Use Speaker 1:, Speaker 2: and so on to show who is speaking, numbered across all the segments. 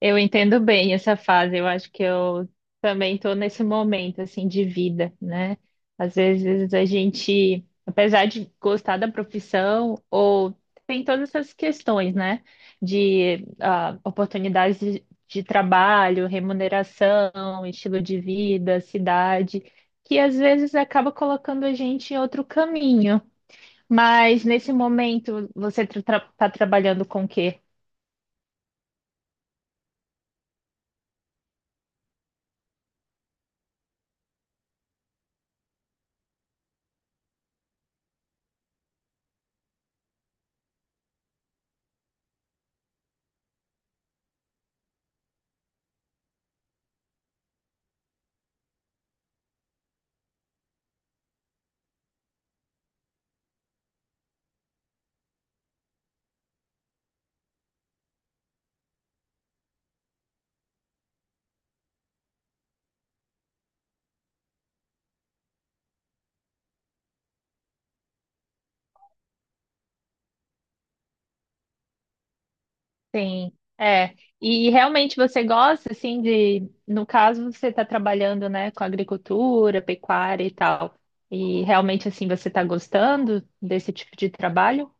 Speaker 1: Eu entendo bem essa fase. Eu acho que eu também estou nesse momento assim de vida, né? Às vezes a gente, apesar de gostar da profissão, ou tem todas essas questões, né? De oportunidades de trabalho, remuneração, estilo de vida, cidade, que às vezes acaba colocando a gente em outro caminho. Mas nesse momento você está trabalhando com o quê? Sim, é. E realmente você gosta, assim, de... No caso, você está trabalhando, né, com agricultura, pecuária e tal. E realmente, assim, você está gostando desse tipo de trabalho?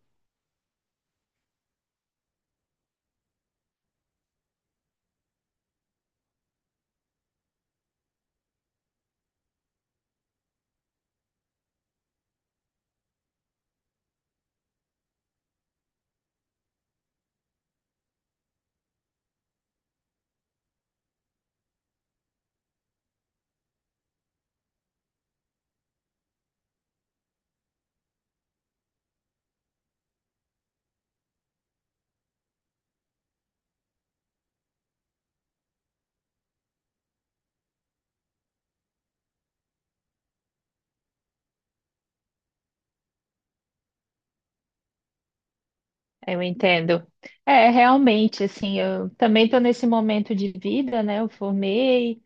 Speaker 1: Eu entendo. É, realmente, assim, eu também estou nesse momento de vida, né? Eu formei,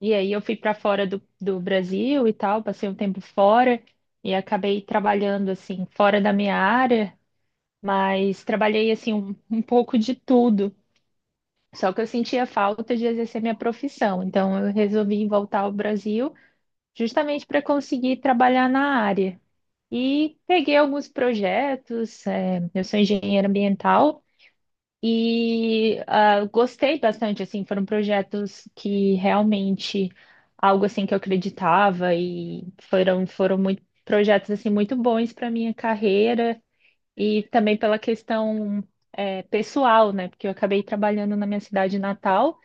Speaker 1: e aí eu fui para fora do Brasil e tal, passei um tempo fora e acabei trabalhando, assim, fora da minha área, mas trabalhei, assim, um pouco de tudo. Só que eu sentia falta de exercer minha profissão, então eu resolvi voltar ao Brasil justamente para conseguir trabalhar na área. E peguei alguns projetos, é, eu sou engenheira ambiental e gostei bastante, assim, foram projetos que realmente algo assim que eu acreditava e foram muito projetos assim muito bons para minha carreira e também pela questão é, pessoal, né? Porque eu acabei trabalhando na minha cidade natal,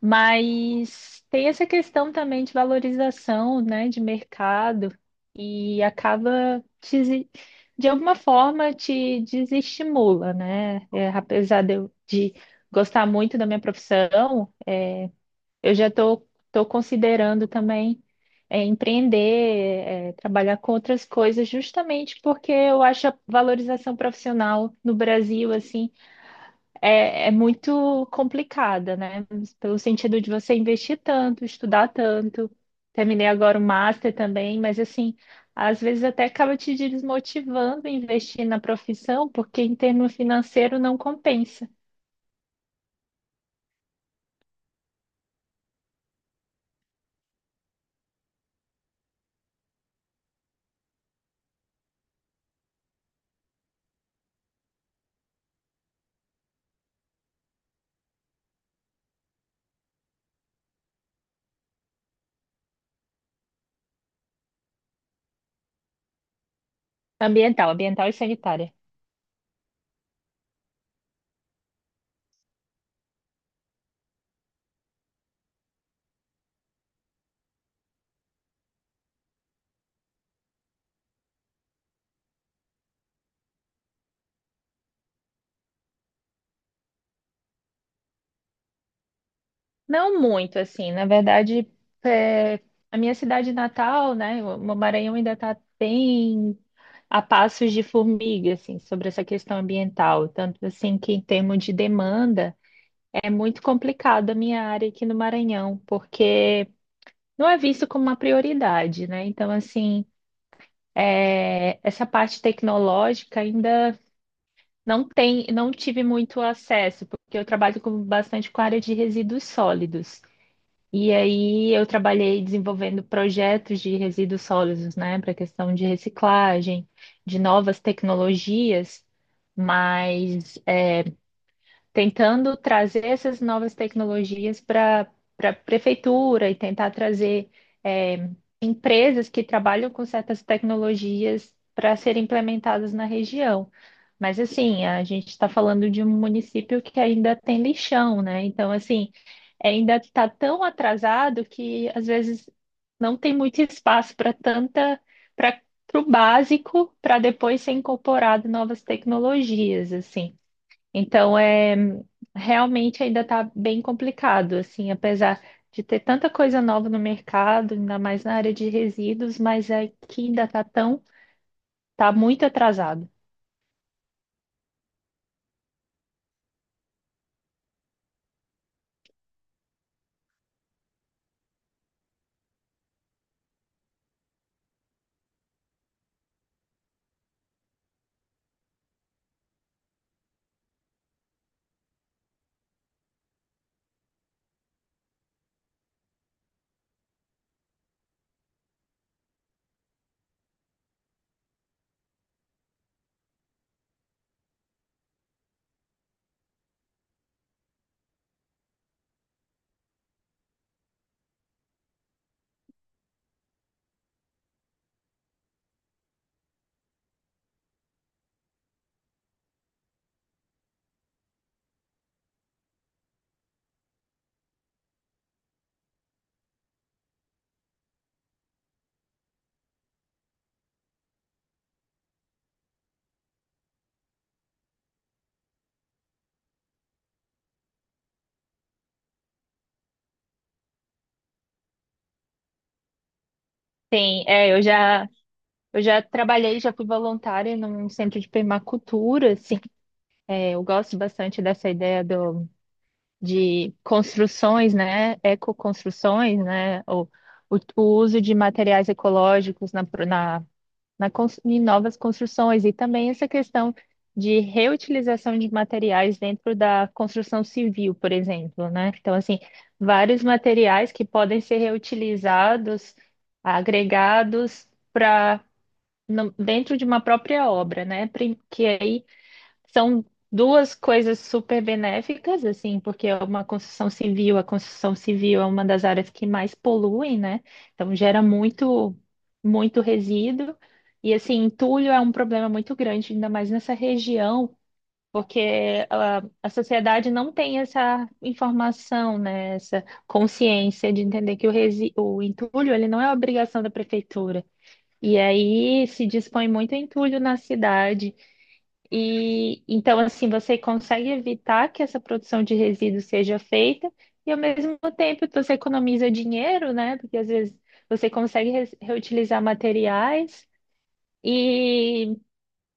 Speaker 1: mas tem essa questão também de valorização, né, de mercado e acaba te de alguma forma te desestimula, né? É, apesar de eu de gostar muito da minha profissão, eu já estou tô, considerando também é, empreender, é, trabalhar com outras coisas, justamente porque eu acho a valorização profissional no Brasil assim é muito complicada, né? Pelo sentido de você investir tanto, estudar tanto. Terminei agora o master também, mas assim, às vezes até acaba te desmotivando a investir na profissão, porque em termo financeiro não compensa. Ambiental, ambiental e sanitária. Não muito, assim, na verdade, é, a minha cidade natal, né, o Maranhão ainda está bem a passos de formiga, assim, sobre essa questão ambiental. Tanto assim que em termos de demanda, é muito complicada a minha área aqui no Maranhão, porque não é visto como uma prioridade, né? Então, assim, é, essa parte tecnológica ainda não tem, não tive muito acesso, porque eu trabalho com, bastante com a área de resíduos sólidos. E aí eu trabalhei desenvolvendo projetos de resíduos sólidos, né, para questão de reciclagem, de novas tecnologias, mas tentando trazer essas novas tecnologias para a prefeitura e tentar trazer eh, empresas que trabalham com certas tecnologias para serem implementadas na região. Mas assim, a gente está falando de um município que ainda tem lixão, né? Então, assim, ainda está tão atrasado que às vezes não tem muito espaço para tanta, para o básico, para depois ser incorporado novas tecnologias, assim. Então, é, realmente ainda está bem complicado, assim, apesar de ter tanta coisa nova no mercado, ainda mais na área de resíduos, mas é que ainda está tão, tá muito atrasado. Tem, é, eu já trabalhei, já fui voluntária num centro de permacultura, assim, é, eu gosto bastante dessa ideia do, de construções, né, ecoconstruções, né, ou o uso de materiais ecológicos na, pro- na na em novas construções e também essa questão de reutilização de materiais dentro da construção civil, por exemplo, né? Então, assim, vários materiais que podem ser reutilizados, agregados para dentro de uma própria obra, né? Que aí são duas coisas super benéficas, assim, porque é uma construção civil, a construção civil é uma das áreas que mais poluem, né? Então gera muito, muito resíduo. E assim, entulho é um problema muito grande, ainda mais nessa região, porque a sociedade não tem essa informação, né? Essa consciência de entender que o entulho ele não é obrigação da prefeitura. E aí se dispõe muito entulho na cidade. E então, assim, você consegue evitar que essa produção de resíduos seja feita e, ao mesmo tempo, você economiza dinheiro, né? Porque às vezes você consegue reutilizar materiais e,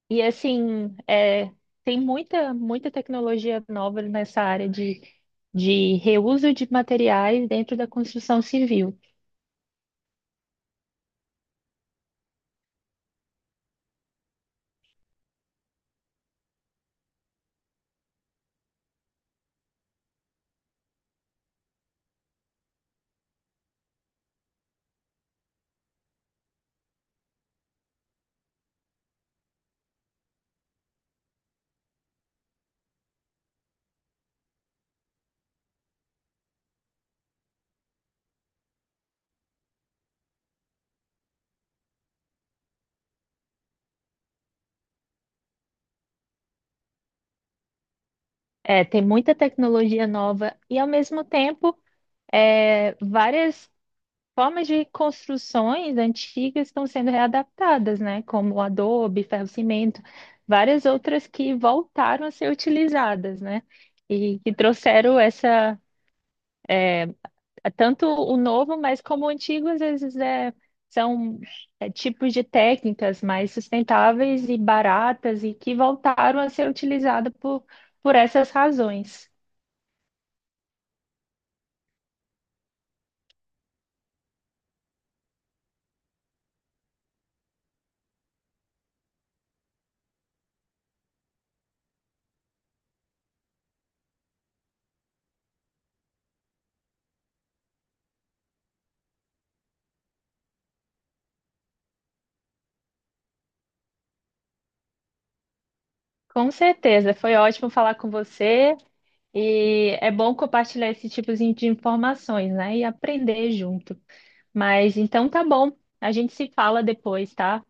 Speaker 1: e assim, é, tem muita, muita tecnologia nova nessa área de reuso de materiais dentro da construção civil. É, tem muita tecnologia nova e, ao mesmo tempo, é, várias formas de construções antigas estão sendo readaptadas, né? Como o adobe, ferro-cimento, várias outras que voltaram a ser utilizadas, né? E que trouxeram essa, tanto o novo, mas como o antigo, às vezes é, são é, tipos de técnicas mais sustentáveis e baratas e que voltaram a ser utilizadas por essas razões. Com certeza, foi ótimo falar com você. E é bom compartilhar esse tipo de informações, né? E aprender junto. Mas então tá bom. A gente se fala depois, tá?